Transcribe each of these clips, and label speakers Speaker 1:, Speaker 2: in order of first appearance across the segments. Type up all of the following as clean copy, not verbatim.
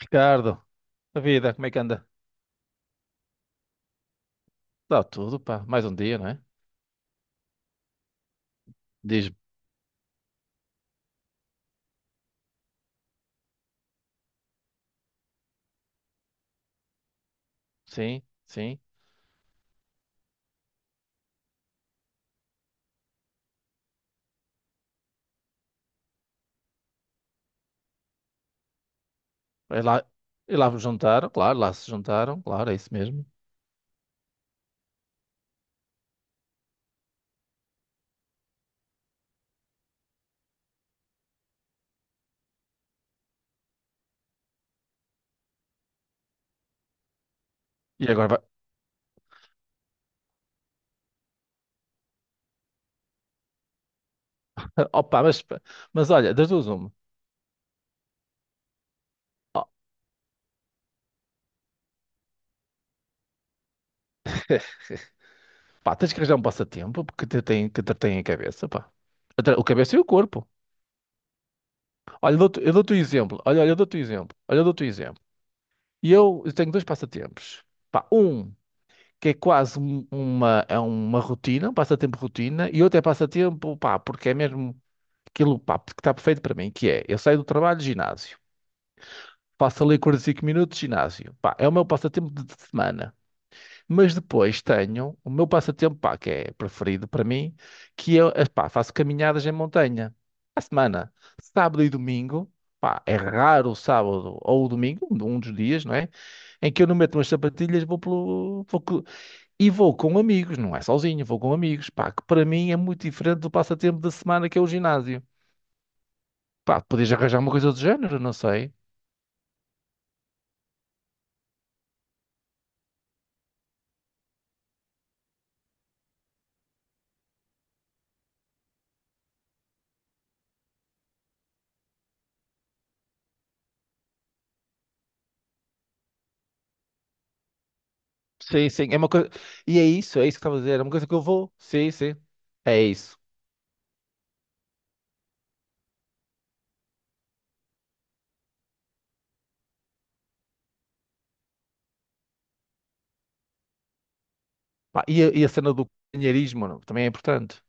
Speaker 1: Ricardo, a vida, como é que anda? Dá tudo, pá. Mais um dia, não é? Diz-me. Sim, sim. E lá, e lá vos juntaram, claro, lá se juntaram, claro, é isso mesmo. E agora vai. Opa, mas olha, das duas uma. Ó, pá, tens que arranjar um passatempo porque te tem, que te tem a cabeça, pá. O cabeça e o corpo. Olha, eu dou-te um exemplo. Olha, eu dou-te um exemplo. Olha, eu dou-te um exemplo. E eu tenho dois passatempos. Pá, um que é quase uma, é uma rotina, um passatempo rotina, e outro é passatempo, pá, porque é mesmo. Aquilo, pá, que está perfeito para mim, que é, eu saio do trabalho, ginásio. Faço ali 45 minutos, ginásio. Pá, é o meu passatempo de semana. Mas depois tenho o meu passatempo, pá, que é preferido para mim, que eu, pá, faço caminhadas em montanha. À semana, sábado e domingo, pá, é raro o sábado ou o domingo, um dos dias, não é? Em que eu não meto umas sapatilhas, vou pelo, vou co- e vou com amigos, não é sozinho, vou com amigos, pá, que para mim é muito diferente do passatempo da semana que é o ginásio. Pá, podias arranjar uma coisa do género, não sei. Sim, sim, é uma coisa. E é isso que estava a dizer. É uma coisa que eu vou. Sim, sim. É isso. Pá, e, a cena do companheirismo, não? Também é importante.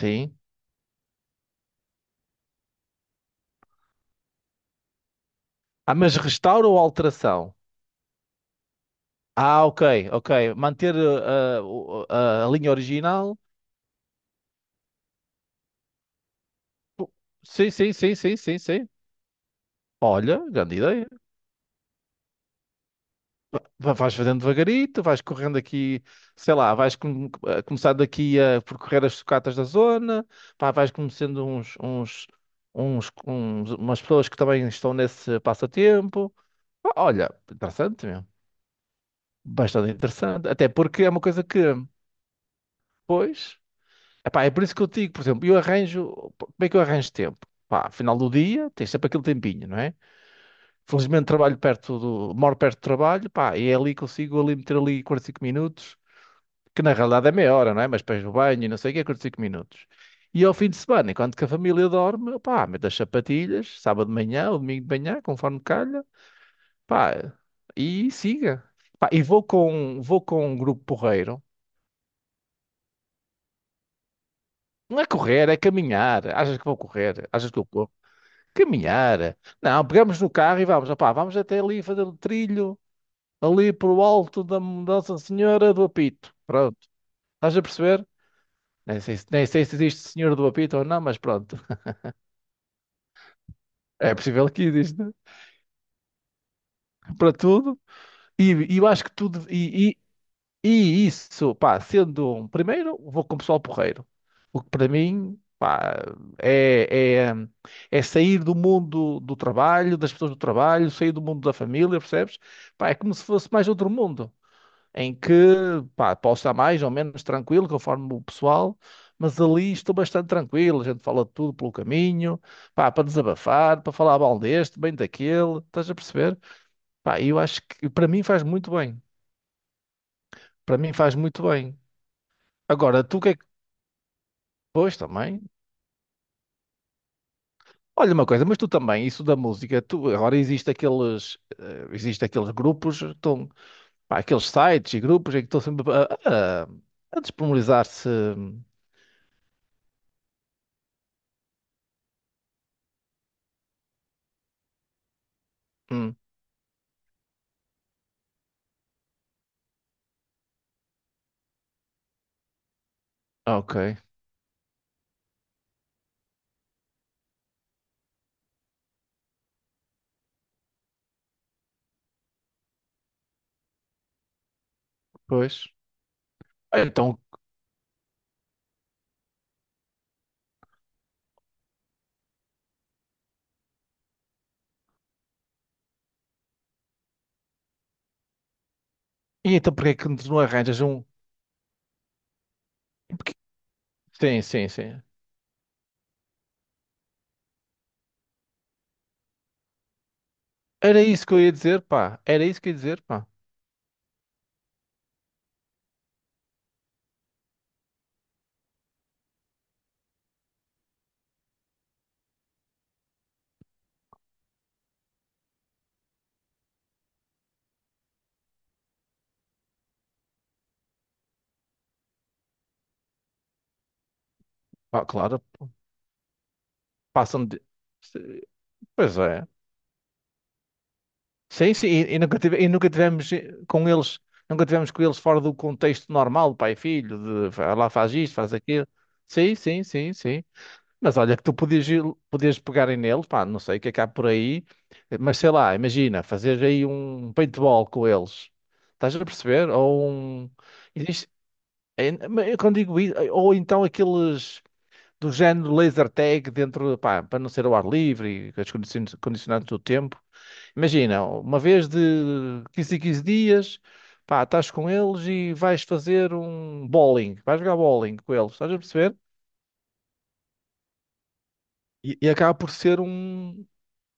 Speaker 1: Sim. Ah, mas restauro ou alteração? Ah, ok, ok. Manter a linha original. Sim, sim, sim, sim, sim, sim. Olha, grande ideia. Vais fazendo devagarito, vais correndo aqui, sei lá, a começar daqui a percorrer as sucatas da zona, pá, vais conhecendo umas pessoas que também estão nesse passatempo. Pá, olha, interessante mesmo, bastante interessante, até porque é uma coisa que... Pois, epá, é por isso que eu te digo, por exemplo, eu arranjo, como é que eu arranjo tempo? Pá, final do dia, tens sempre aquele tempinho, não é? Felizmente moro perto do trabalho, pá, e é ali que consigo ali meter ali 45 minutos que na realidade é meia hora, não é? Mas depois o banho e não sei o que é curto 5 minutos. E ao fim de semana, enquanto que a família dorme, pá, mete as sapatilhas, sábado de manhã ou domingo de manhã, conforme calha, pá, e siga. Pá, e vou com um grupo porreiro. Não é correr, é caminhar. Achas que vou correr? Achas que eu corro? Caminhar. Não, pegamos no carro e vamos, opá, vamos até ali fazer o trilho, ali para o alto da Nossa Senhora do Apito. Pronto. Estás a perceber? Nem sei se existe Senhora do Apito ou não, mas pronto. É possível que exista para tudo. E, e eu acho que tudo. E isso, pá, sendo um primeiro, vou com o pessoal porreiro. O que para mim, pá, é, é, é sair do mundo do trabalho, das pessoas do trabalho, sair do mundo da família, percebes? Pá, é como se fosse mais outro mundo, em que, pá, posso estar mais ou menos tranquilo, conforme o pessoal. Mas ali estou bastante tranquilo, a gente fala de tudo pelo caminho, pá, para desabafar, para falar mal deste, bem daquele, estás a perceber? Pá, eu acho que para mim faz muito bem. Para mim faz muito bem. Agora, tu o que é que... Pois também. Olha uma coisa, mas tu também, isso da música, tu, agora existe aqueles grupos, estão, pá, aqueles sites e grupos em que estão sempre a disponibilizar-se. Hum, ok, pois. Ah, então porquê é que tu não arranjas um. Porque... Sim, sim, sim. Era isso que eu ia dizer, pá. Era isso que eu ia dizer, pá. Pá, claro, passam de... Pois é. Sim, sim, e nunca tive, e nunca tivemos eh, com eles, nunca tivemos com eles fora do contexto normal, pai e filho, de lá faz isto, faz aquilo. Sim, sim, sim, sim. Mas olha que tu podias pegar em neles, pá, não sei o que é que há por aí, mas sei lá, imagina, fazer aí um paintball com eles. Estás a perceber? Ou um... Existe, é, mas eu quando digo isso, ou então aqueles do género laser tag dentro, pá, para não ser ao ar livre, e com as condicionantes do tempo. Imagina, uma vez de 15 em 15 dias, pá, estás com eles e vais fazer um bowling, vais jogar bowling com eles, estás a perceber? E acaba por ser um,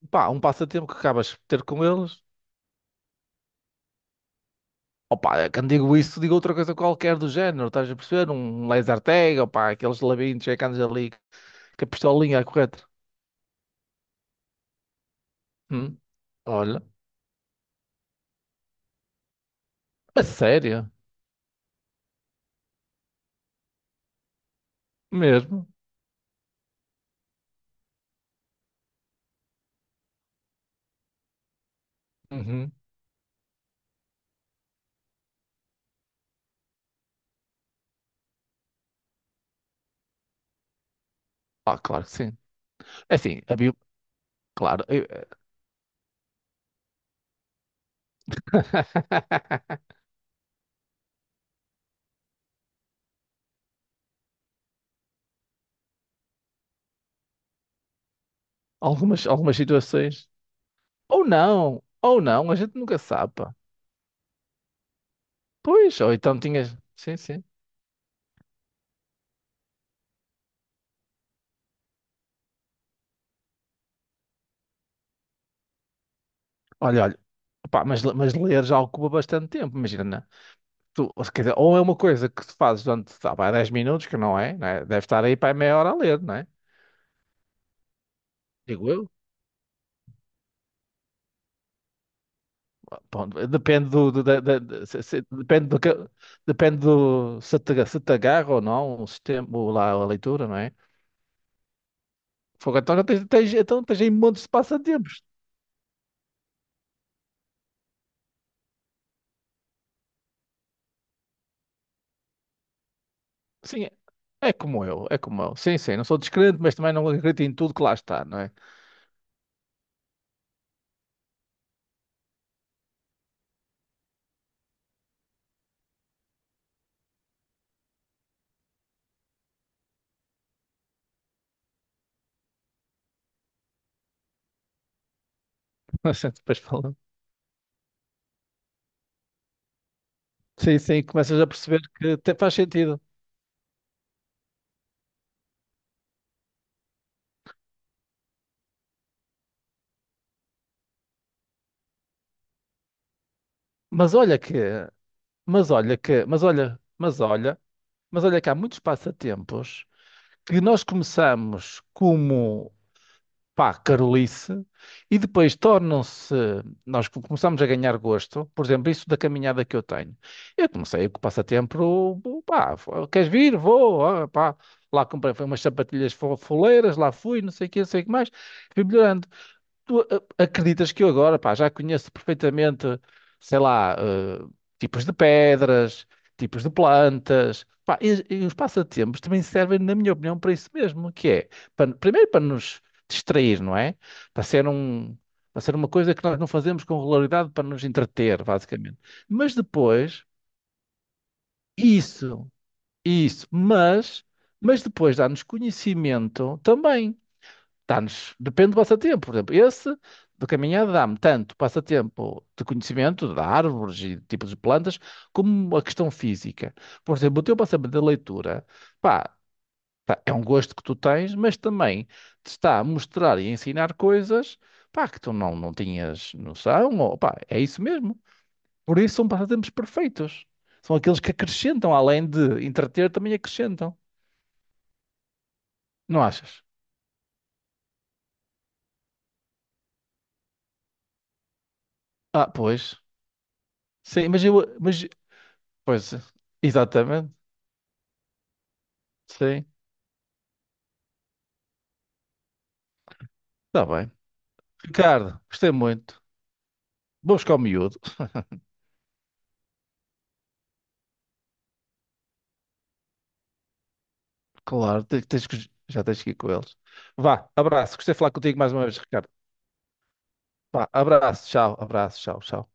Speaker 1: pá, um passatempo que acabas por ter com eles. Opa, quando digo isso, digo outra coisa qualquer do género, estás a perceber? Um laser tag, opá, aqueles labirintos é que andas ali, com a pistolinha é correto. Hum, olha, a sério, mesmo. Uhum. Ah, claro que sim. É assim, havia, claro, eu... Algumas situações. Ou não, a gente nunca sabe, pá. Pois, ou então tinhas. Sim, sim. Olha, pá, mas ler já ocupa bastante tempo, imagina, né? Tu, ou, se- Quer dizer, ou é uma coisa que tu fazes durante, tá, pá, 10 minutos, que não é, né? Deve estar aí para meia hora a ler, não é? Digo eu. Pá, depende do que, depende do se te agarra ou não o sistema, o lá, a leitura, não é? Fogo, então já tens aí montes de passatempo. Sim, é como eu. Sim, sim, não sou descrente, mas também não acredito em tudo que lá está, não é? Mas depois falando. Sim, sim, começas a perceber que até faz sentido. Mas olha que, mas olha que, mas olha, mas olha, mas olha que há muitos passatempos que nós começamos como, pá, carolice, e depois tornam-se, começamos a ganhar gosto, por exemplo, isso da caminhada que eu tenho. Eu comecei com o passatempo, pá, queres vir? Vou, pá. Lá comprei foi umas sapatilhas foleiras, lá fui, não sei o que, não sei o que mais, fui melhorando. Tu acreditas que eu agora, pá, já conheço perfeitamente, sei lá, tipos de pedras, tipos de plantas, pá, e, os passatempos também servem, na minha opinião, para isso mesmo, que é, primeiro para nos distrair, não é? Para ser um, para ser uma coisa que nós não fazemos com regularidade para nos entreter, basicamente. Mas depois, isso, isso, mas depois dá-nos conhecimento também, dá-nos, depende do passatempo, por exemplo, esse de caminhada dá-me tanto passatempo de conhecimento de árvores e de tipos de plantas, como a questão física. Por exemplo, o teu passatempo da leitura, pá, tá, é um gosto que tu tens, mas também te está a mostrar e a ensinar coisas, pá, que tu não tinhas noção, ou, pá, é isso mesmo. Por isso são passatempos perfeitos. São aqueles que acrescentam, além de entreter, também acrescentam. Não achas? Ah, pois. Sim, mas eu, mas... Pois, é, exatamente. Sim, está bem. Ricardo, gostei muito. Vou buscar o miúdo. Claro, já tens que ir com eles. Vá, abraço. Gostei de falar contigo mais uma vez, Ricardo. Vá, abraço, tchau, tchau.